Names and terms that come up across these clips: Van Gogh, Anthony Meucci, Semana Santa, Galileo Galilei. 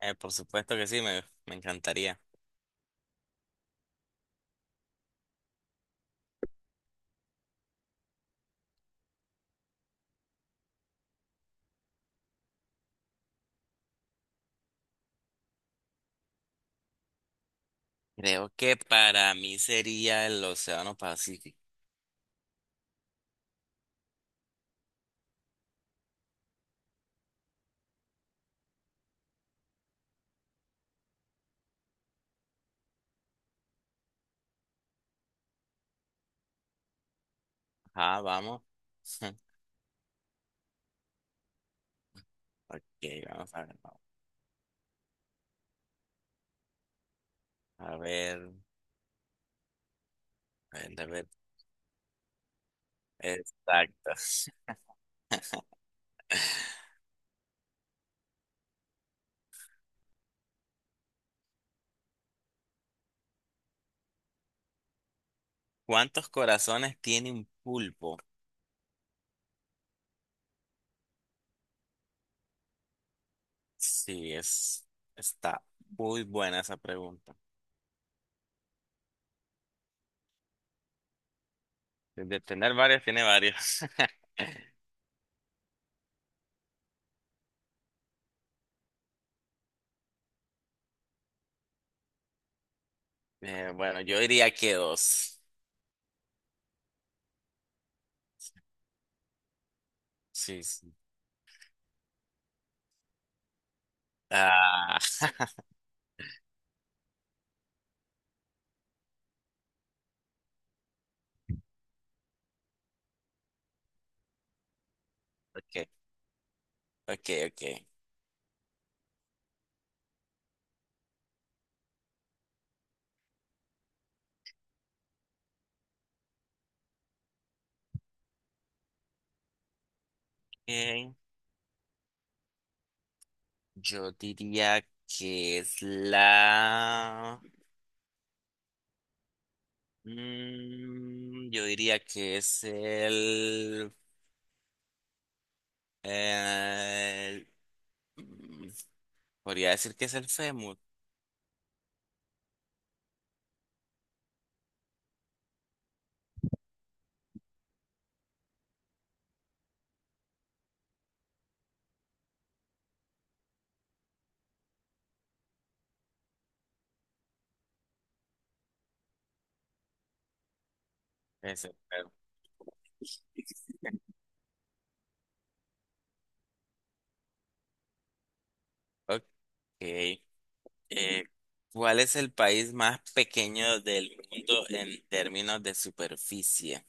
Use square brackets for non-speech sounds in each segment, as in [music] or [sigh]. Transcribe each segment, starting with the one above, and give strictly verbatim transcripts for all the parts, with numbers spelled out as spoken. Eh, por supuesto que sí, me, me encantaría. Creo que para mí sería el Océano Pacífico. Ah, vamos. [laughs] Ok, vamos a ver. Vamos A ver, a ver, a ver. Exacto. [laughs] ¿Cuántos corazones tiene un pulpo? Sí, es, está muy buena esa pregunta. De tener varios, tiene varios. [laughs] Eh, bueno, yo diría que dos. Sí, sí. Ah, [laughs] ok, ok, ok. Ok. Yo diría que es la… Mm, yo diría que es el... el- mm, podría decir que es el fémur. Es el fémur. Ok. Eh, ¿cuál es el país más pequeño del mundo en términos de superficie?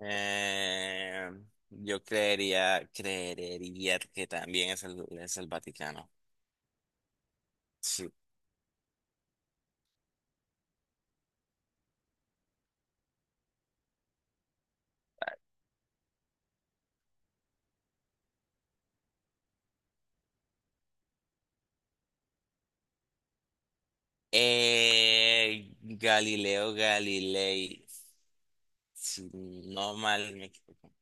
Eh, yo creería, creería que también es el, es el Vaticano. Sí. Eh, Galileo Galilei. Si no mal me equivoco.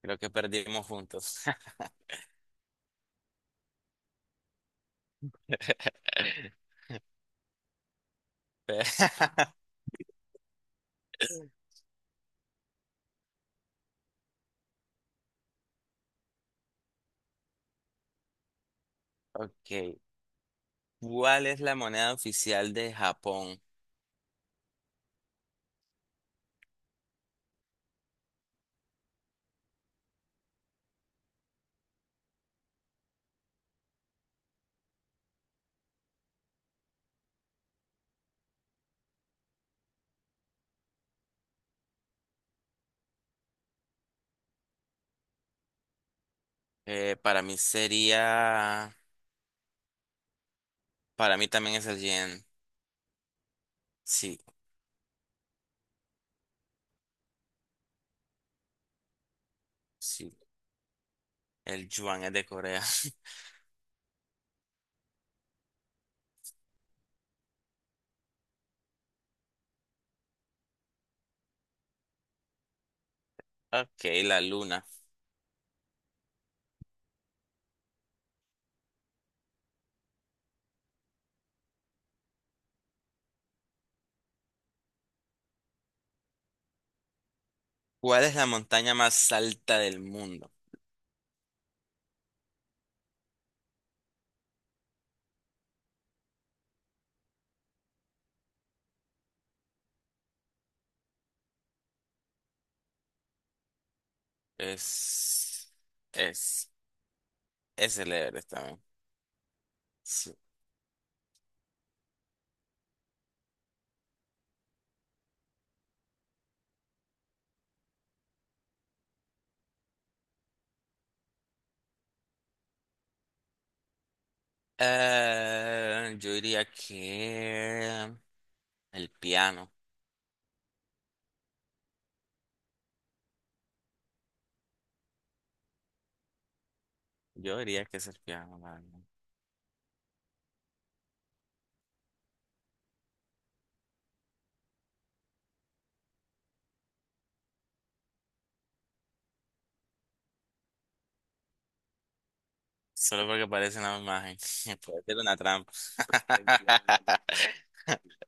Creo que perdimos juntos. [laughs] Pe- [laughs] Ok. ¿Cuál es la moneda oficial de Japón? Eh, para mí sería. Para mí también es el yen. Sí, sí. El yuan es de Corea. [laughs] Ok, la luna. ¿Cuál es la montaña más alta del mundo? Es. Es. Es el Everest. Sí. Eh, yo diría que el piano. Yo diría que es el piano, la verdad. Solo porque parece una imagen. [laughs] Puede ser una trampa. El piano. [laughs]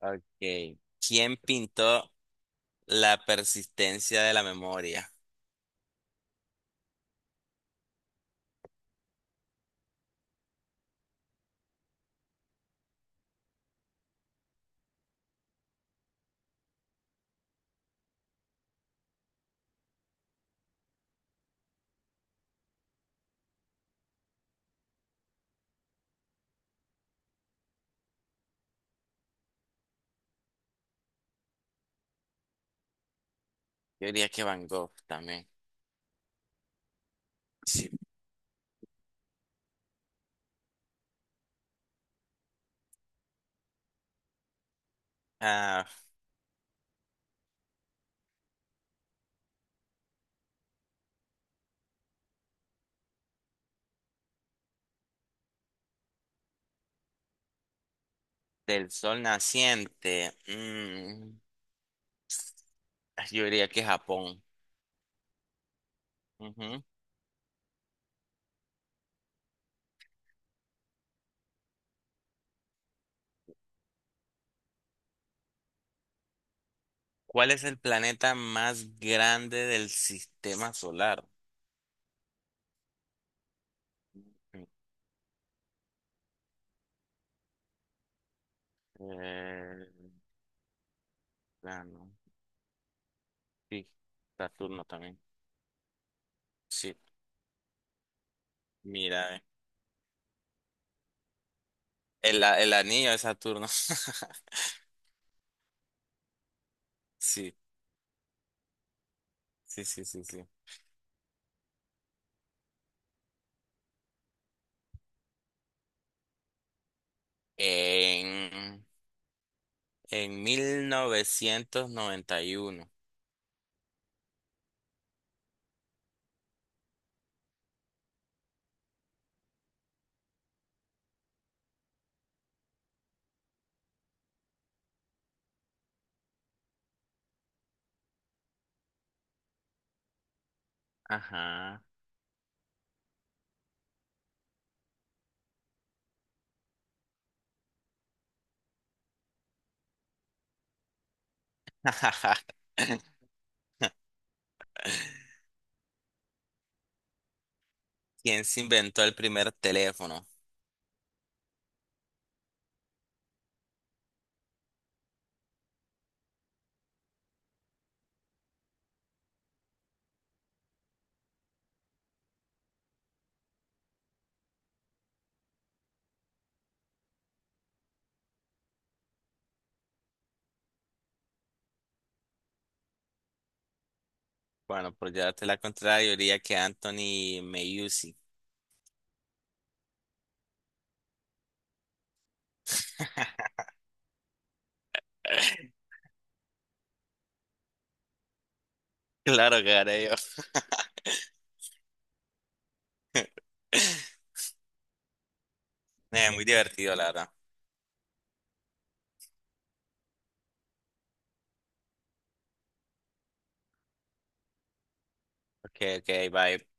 Ok. ¿Quién pintó la persistencia de la memoria? Yo diría que Van Gogh también. Sí. Ah, del sol naciente. mm, yo diría que Japón. ¿Cuál es el planeta más grande del sistema solar? Eh, Urano. Sí, Saturno también. Sí, mira, eh. El, a- el anillo de Saturno. [laughs] Sí, sí, sí, sí, sí. En, en mil novecientos noventa y uno. Ajá. [laughs] ¿Quién se inventó el primer teléfono? Bueno, por llevarte la contraria, yo diría que Anthony Meucci. [laughs] Claro que haré yo. [laughs] Eh, muy divertido, la verdad. Ok, ok, bye.